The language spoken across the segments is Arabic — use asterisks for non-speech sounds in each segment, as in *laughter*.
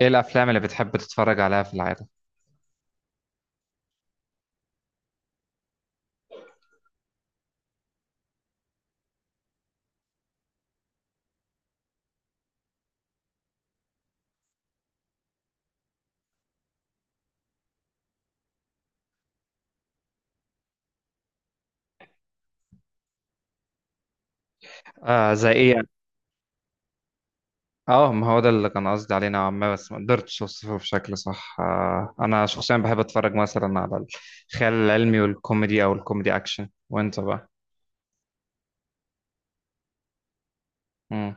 ايه الافلام اللي بتحب تتفرج عليها في العاده؟ آه، زي ايه يعني؟ اه، ما هو ده اللي كان قصدي عليه نوعا ما، بس ما قدرتش اوصفه بشكل صح. انا شخصيا بحب اتفرج مثلا على الخيال العلمي والكوميدي او الكوميدي اكشن، وانت بقى؟ مم.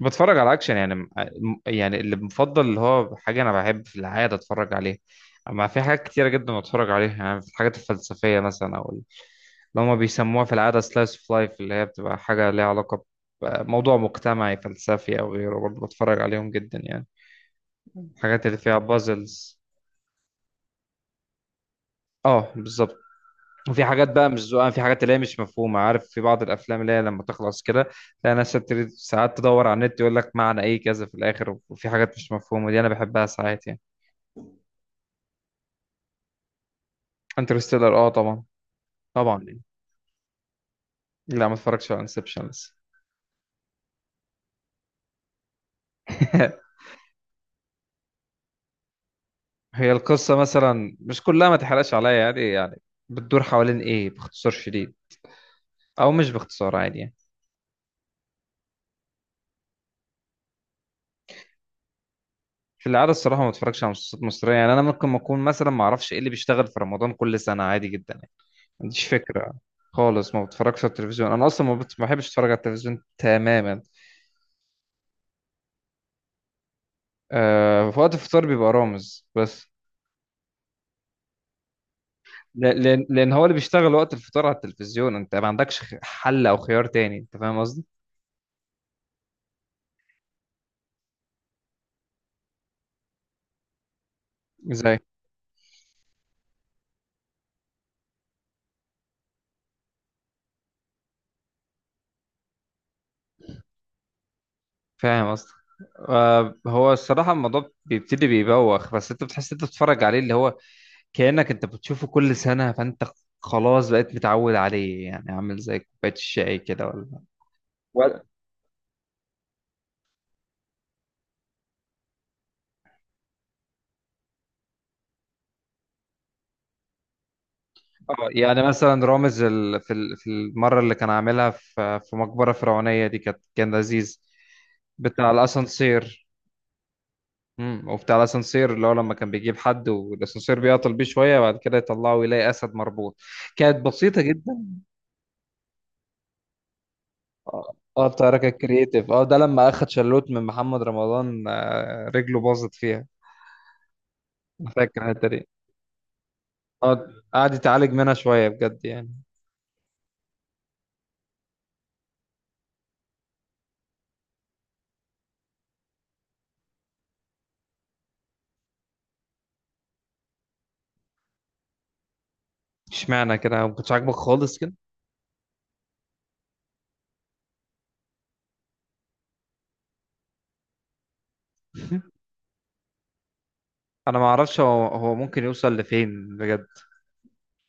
بتفرج على اكشن يعني يعني اللي مفضل اللي هو حاجه انا بحب في العاده اتفرج عليها. اما في حاجات كتيره جدا بتفرج عليها يعني، في الحاجات الفلسفيه مثلا اللي هما بيسموها في العادة slice of life، اللي هي بتبقى حاجة ليها علاقة بموضوع مجتمعي فلسفي أو غيره، برضه بتفرج عليهم جدا يعني، الحاجات اللي فيها بازلز. اه، بالظبط. وفي حاجات بقى مش ذوقها، في حاجات اللي هي مش مفهومة، عارف، في بعض الأفلام اللي هي لما تخلص كده تلاقي ناس بتبتدي ساعات تدور على النت يقول لك معنى إيه كذا في الآخر، وفي حاجات مش مفهومة دي أنا بحبها ساعات يعني. انترستيلر؟ اه طبعا، طبعا يعني. لا، ما اتفرجتش على انسبشن لسه. *laughs* هي القصة مثلا مش كلها، ما تحرقش عليا، يعني بتدور حوالين ايه باختصار شديد، او مش باختصار عادي يعني. في العادة الصراحة ما بتفرجش على مسلسلات مصرية يعني، انا ممكن ما اكون مثلا ما اعرفش ايه اللي بيشتغل في رمضان كل سنة، عادي جدا يعني، ما عنديش فكرة خالص. ما بتفرجش على التلفزيون، انا اصلا ما بحبش اتفرج على التلفزيون تماما. آه، في وقت الفطار بيبقى رامز بس. لان هو اللي بيشتغل وقت الفطار على التلفزيون، انت ما عندكش حل او خيار تاني، انت فاهم قصدي؟ زي. فاهم قصدك. هو الصراحة الموضوع بيبتدي بيبوخ، بس انت بتحس انت بتتفرج عليه، اللي هو كأنك انت بتشوفه كل سنة، فانت خلاص بقيت متعود عليه يعني، عامل زي كوباية الشاي كده ولا؟ يعني مثلا رامز في المرة اللي كان عاملها في مقبرة فرعونية دي كان لذيذ، بتاع الأسانسير. مم. وبتاع الأسانسير اللي هو لما كان بيجيب حد والأسانسير بيعطل بيه شوية، وبعد كده يطلعه يلاقي أسد مربوط، كانت بسيطة جدا. اه، التحرك الكرييتيف، اه ده لما اخد شلوت من محمد رمضان، رجله باظت فيها، انا فاكر الحته دي. اه، قعد يتعالج منها شويه بجد يعني. اشمعنى كده، ما كنتش عاجبك خالص كده؟ *laughs* انا ما اعرفش هو ممكن يوصل لفين بجد،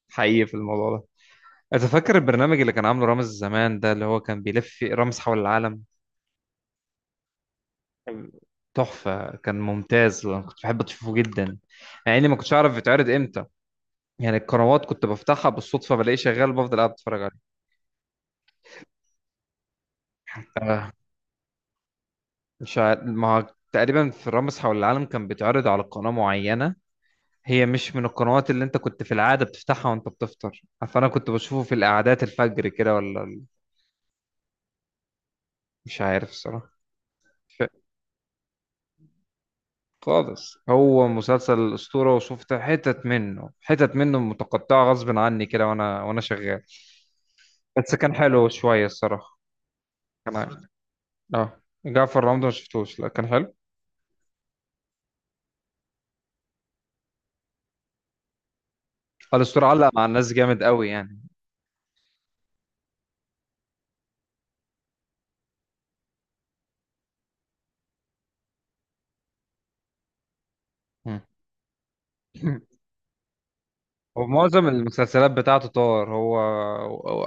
حقيقي في الموضوع ده. انت فاكر البرنامج اللي كان عامله رامز زمان ده اللي هو كان بيلف رامز حول العالم؟ تحفه، كان ممتاز، انا كنت بحب اشوفه جدا، مع اني ما كنتش اعرف بيتعرض امتى يعني، القنوات كنت بفتحها بالصدفه بلاقيه شغال، بفضل قاعد اتفرج عليه. مش عارف، ما هو تقريبا في رامز حول العالم كان بيتعرض على قناة معينة، هي مش من القنوات اللي انت كنت في العادة بتفتحها وانت بتفطر، فانا كنت بشوفه في القعدات الفجر كده ولا مش عارف الصراحة. ف- خالص، هو مسلسل أسطورة، وشفت حتت منه متقطعة غصب عني كده وانا شغال، بس كان حلو شوية الصراحة. كان عارف. اه. جعفر رمضان ما شفتوش، لا كان حلو. الأسطورة علق مع الناس جامد قوي يعني. مم. *clears throat* *laughs* ومعظم المسلسلات بتاعته طار هو،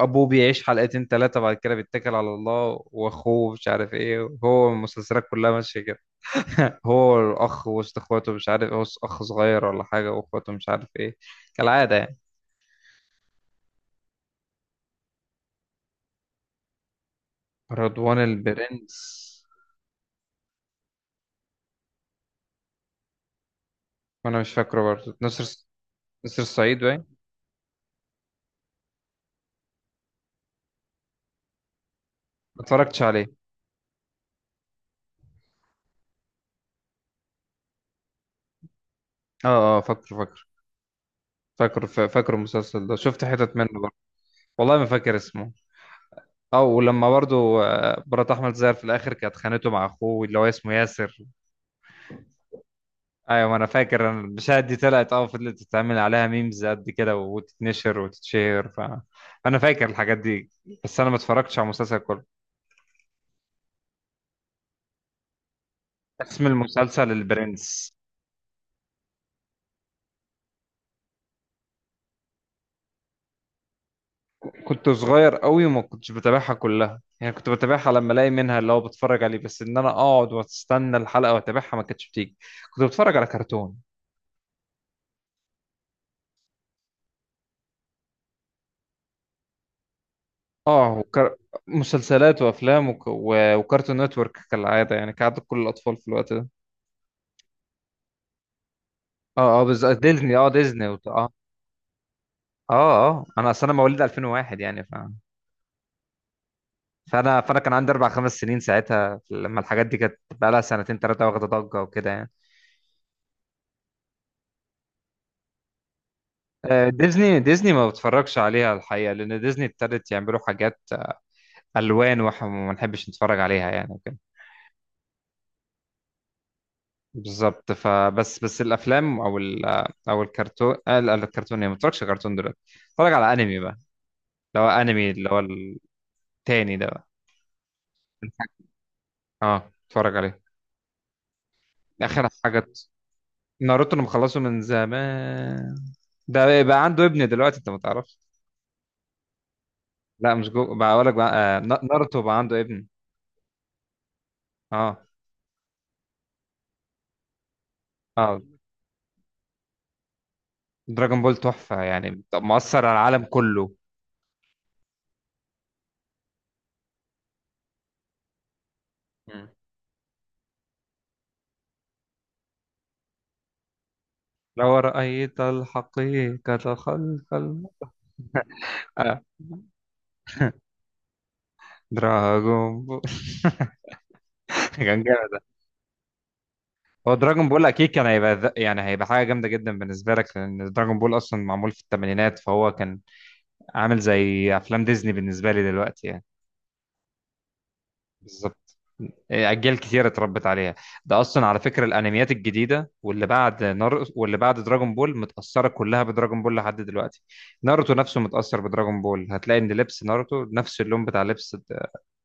ابوه بيعيش حلقتين ثلاثة بعد كده بيتكل على الله، واخوه مش عارف ايه، هو المسلسلات كلها ماشية كده. *laughs* هو الاخ وسط اخواته، مش عارف هو اخ صغير ولا حاجة، واخواته مش عارف ايه، كالعادة يعني. رضوان البرنس. وانا مش فاكره برضه، نصر الصعيد باين. ما اتفرجتش عليه. اه، اه، فاكره، فاكره. فاكره، فاكره المسلسل ده، شفت حتت منه برضه. والله ما فاكر اسمه. اه، ولما برضو مرات احمد زاهر في الاخر كانت خانته مع اخوه اللي هو اسمه ياسر. ايوه، ما انا فاكر، انا المشاهد دي طلعت فضلت تتعمل عليها ميمز قد كده وتتنشر وتتشير فانا فاكر الحاجات دي، بس انا ما اتفرجتش على المسلسل كله. اسم المسلسل البرنس. كنت صغير قوي وما كنتش بتابعها كلها يعني، كنت بتابعها لما الاقي منها اللي هو بتفرج عليه، بس ان انا اقعد واستنى الحلقه واتابعها ما كانتش بتيجي. كنت بتفرج على كرتون. اه، مسلسلات وافلام وكارتون نتورك كالعاده يعني، كعادة كل الاطفال في الوقت ده. اه، اه، بالظبط، ديزني اه ديزني وت... اه اه، اه، اصل انا مواليد 2001 يعني فانا كان عندي اربع خمس سنين ساعتها لما الحاجات دي كانت بقى لها سنتين ثلاثه واخده ضجه وكده يعني. ديزني ما بتفرجش عليها الحقيقه، لان ديزني ابتدت يعملوا حاجات الوان واحنا ما بنحبش نتفرج عليها يعني. بالظبط، بس الافلام او او الكرتون، لا، الكرتون يعني ما بتفرجش كرتون دلوقتي، اتفرج على انمي بقى، اللي هو انمي اللي هو التاني ده بقى. اه، اتفرج عليه، اخر حاجه. ناروتو انا مخلصه من زمان، ده بقى عنده ابن دلوقتي، انت ما تعرفش. لا، مش جو، بقول لك بقى، ناروتو بقى عنده ابن. اه، اه. دراجون بول تحفه يعني، مؤثر على العالم كله. مم. لو رأيت الحقيقة خلف آه. دراغون بول. *laughs* *laughs* كان جامد. هو دراجون بول اكيد كان هيبقى يعني هيبقى حاجه جامده جدا بالنسبه لك، لان دراجون بول اصلا معمول في الثمانينات، فهو كان عامل زي افلام ديزني بالنسبه لي دلوقتي يعني. بالظبط. إيه، اجيال كتيره اتربت عليها. ده اصلا على فكره الانميات الجديده واللي بعد نار واللي بعد دراجون بول متاثره كلها بدراجون بول لحد دلوقتي. ناروتو نفسه متاثر بدراجون بول، هتلاقي ان لبس ناروتو نفس اللون بتاع لبس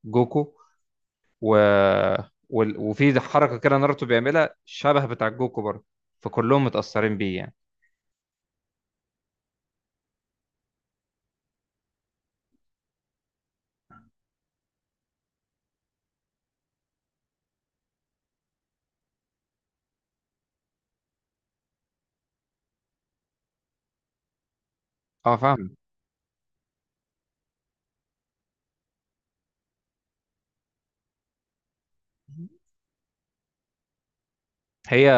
جوكو، و... وفي حركه كده ناروتو بيعملها شبه بتاع جوكو برضه، فكلهم متاثرين بيه يعني. اه، فاهم. هي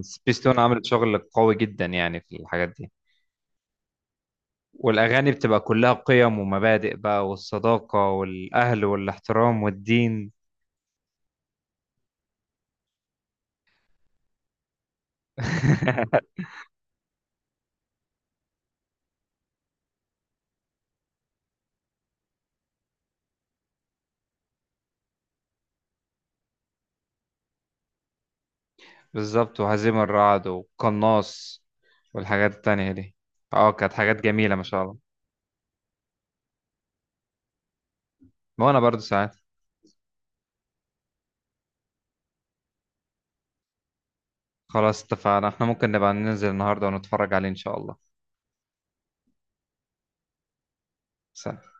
سبيستون عملت شغل قوي جدا يعني في الحاجات دي. والأغاني بتبقى كلها قيم ومبادئ بقى، والصداقة والأهل والاحترام والدين. *laughs* بالظبط، وهزيم الرعد والقناص والحاجات التانية دي، اه كانت حاجات جميلة ما شاء الله. وأنا برضو ساعات. خلاص، اتفقنا، احنا ممكن نبقى ننزل النهاردة ونتفرج عليه إن شاء الله. سلام.